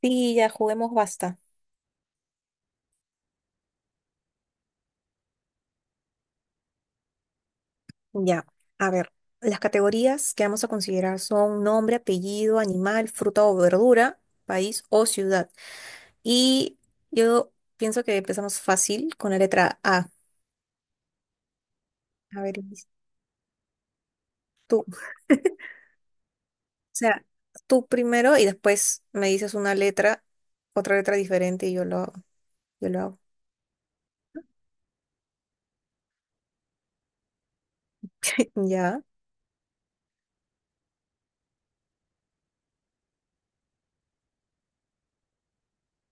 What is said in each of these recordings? Sí, ya juguemos basta. Ya, a ver, las categorías que vamos a considerar son nombre, apellido, animal, fruta o verdura, país o ciudad. Y yo pienso que empezamos fácil con la letra A. A ver, Iris, tú. O sea, tú primero y después me dices una letra, otra letra diferente y yo lo hago. Yo lo hago. Ya,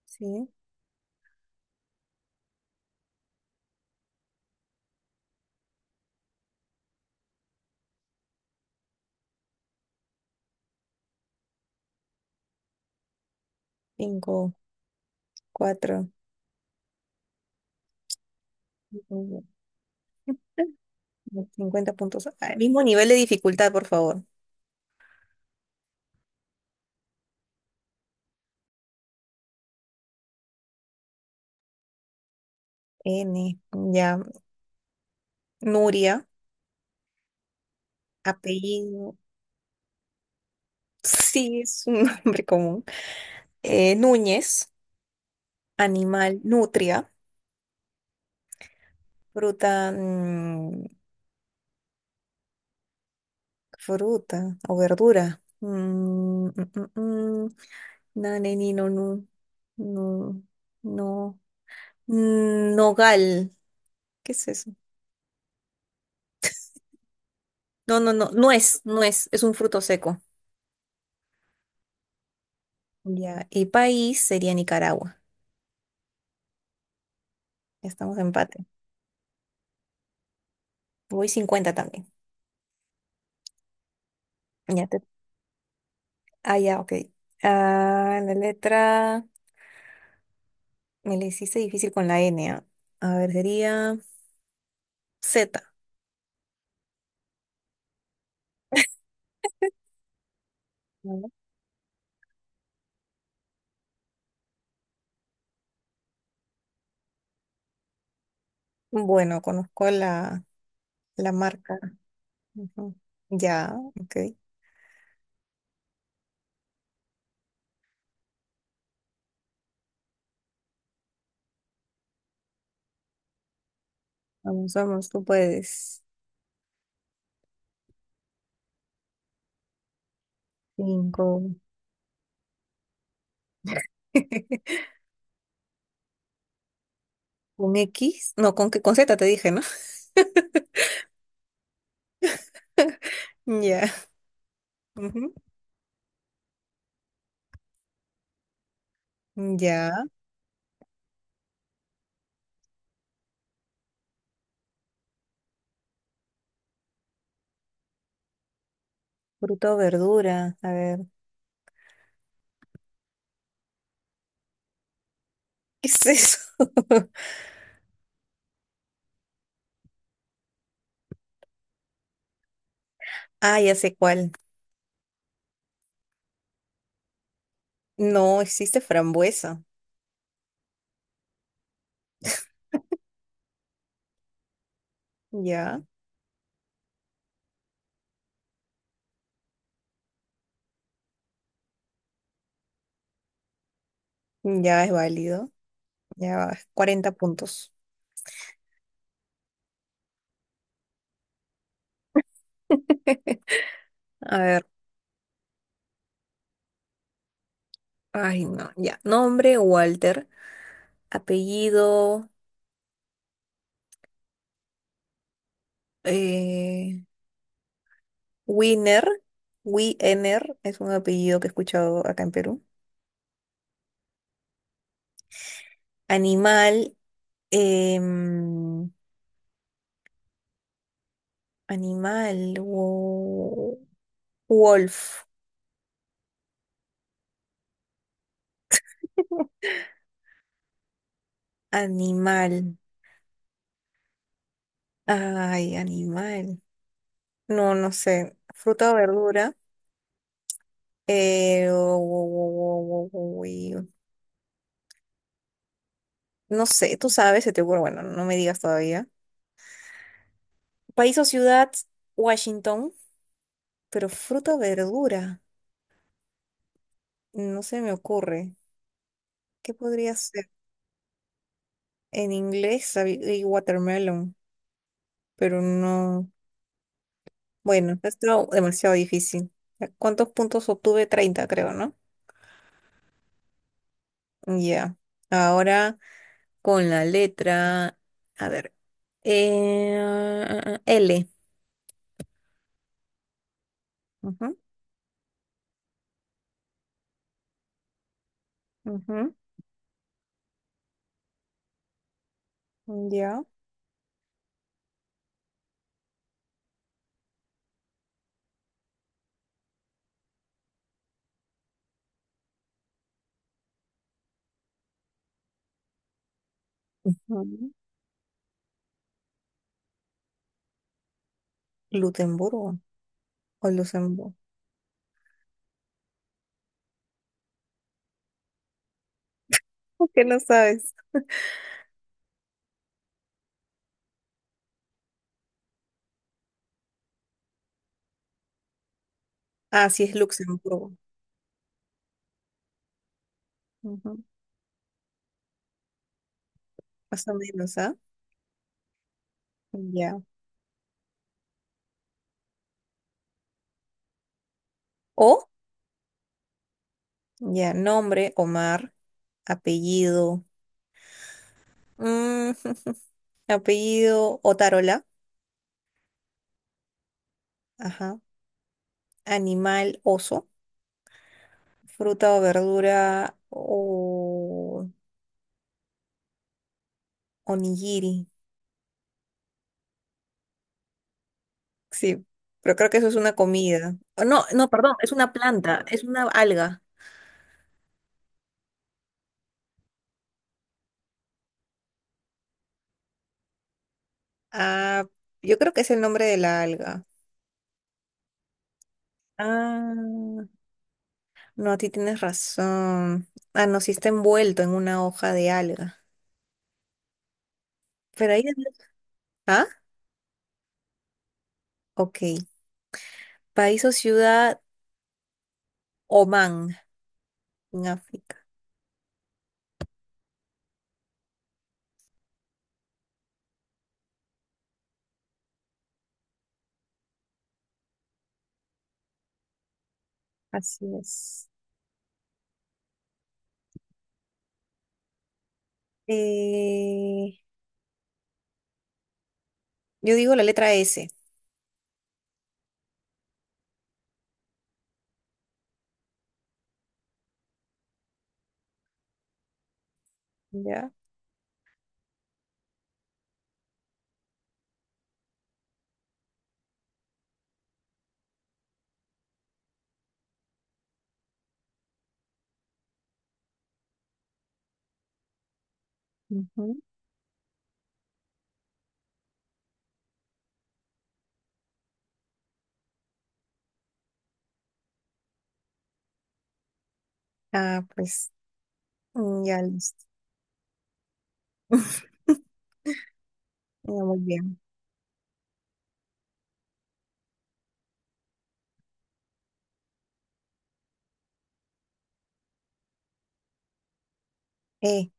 sí. Cinco, cuatro. Cinco, 50 puntos. Al mismo nivel de dificultad, por favor. N, ya. Nuria, apellido, sí es un nombre común. Núñez, animal, nutria, fruta, fruta o verdura. Nane, ni, no, nu, no, no, nogal, ¿qué es eso? No, no, no, nuez, nuez, es un fruto seco. Ya, y país sería Nicaragua. Estamos en empate. Voy 50 también. Ya te. Ah, ya, ok. Ah, la letra. Me le hiciste difícil con la N, ¿ah? A ver, sería Z. ¿No? Bueno, conozco la marca. Ujú. Ya, ok. Vamos, vamos, tú puedes. Cinco. ¿Con X? No, con, con Z te dije, ¿no? Ya. Ujú. Ya. Fruta o verdura. A ver. ¿Qué es eso? Ah, ya sé cuál. No, existe frambuesa. Ya. Ya es válido. Ya, 40 puntos. A ver. Ay, no, ya. Nombre, Walter. Apellido, eh, Wiener. Wiener es un apellido que he escuchado acá en Perú. Animal, em, animal, wolf. Animal. Ay, animal. No, no sé. Fruta o verdura. Eh, wo- wo- wo- wo- wo- wo- No sé, tú sabes, se te ocurre. Bueno, no me digas todavía. País o ciudad, Washington. Pero fruta o verdura, no se me ocurre. ¿Qué podría ser? En inglés sabía watermelon, pero no. Bueno, está demasiado difícil. ¿Cuántos puntos obtuve? 30 creo, ¿no? Ya. Ahora con la letra. A ver. L. Ujú, ujú. Ya. Ujú. Lutemburgo o Luxemburgo. ¿Por qué no sabes? Ah, sí, es Luxemburgo. Ujú. Más o menos, ¿ah? Ya. O. Ya, nombre, Omar, apellido, mm, apellido, Otarola, ajá, animal, oso, fruta o verdura, o onigiri, sí, pero creo que eso es una comida. Oh, no, no, perdón, es una planta, es una alga. Ah, yo creo que es el nombre de la alga. Ah, no, a ti tienes razón. Ah, no, sí está envuelto en una hoja de alga. Pero ahí. ¿Ah? Ok. País o ciudad Oman en África. Así es. Eh, yo digo la letra S, ¿ya? Ujú. Ah, pues, ya listo. Ya, muy bien. Eh,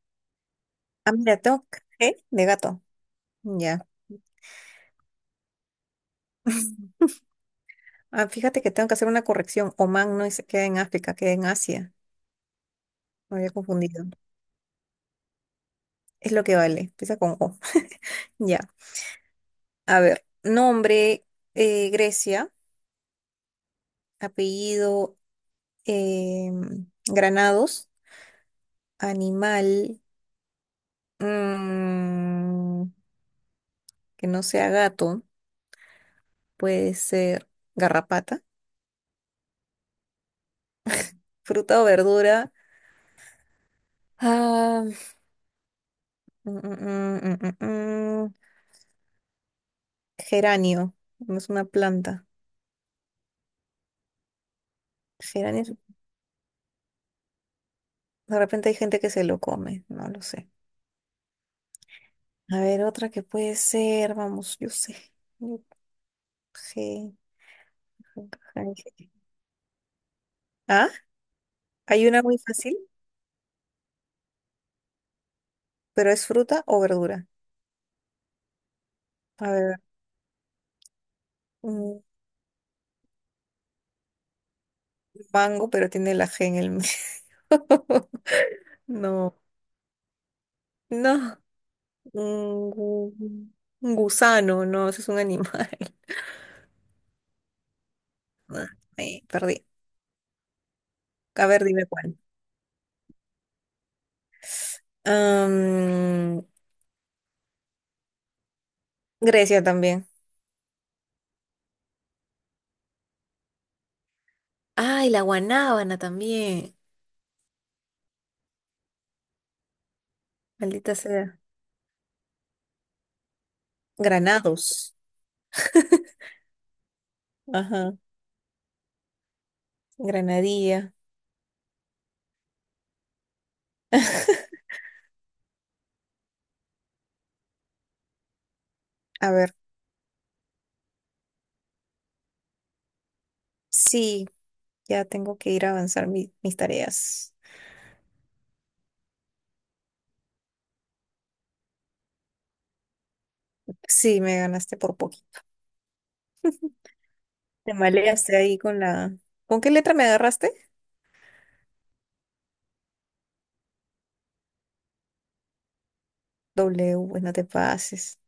ah, mira, tengo ¿eh? De gato. Ya. Ah, fíjate que tengo que hacer una corrección. Omán no se queda en África, queda en Asia. Me había confundido. Es lo que vale. Empieza con O. Ya. A ver. Nombre, Grecia. Apellido, Granados. Animal, mm, que no sea gato, puede ser garrapata, fruta o verdura. Ah, mm, mm, mm, mm, mm, mm. Geranio, no es una planta. Geranio, es- de repente hay gente que se lo come, no lo sé. A ver, otra que puede ser, vamos, yo sé. Yo- ge- ge- ge- Ah, hay una muy fácil, pero es fruta o verdura. A ver, un mango, pero tiene la G en el medio. No, no, un, gu- un gusano, no, ese es un animal. Perdí. A ver, dime cuál. Am, Grecia también. Ay, la guanábana también. Maldita sea. Granados. Ajá, granadilla. A ver, sí, ya tengo que ir a avanzar mis tareas. Sí, me ganaste por poquito. Te maleaste ahí con la. ¿Con qué letra me agarraste? W, pues no te pases.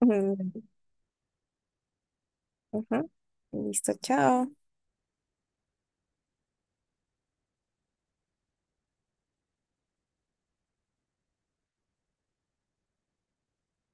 Ujú. Listo, chao.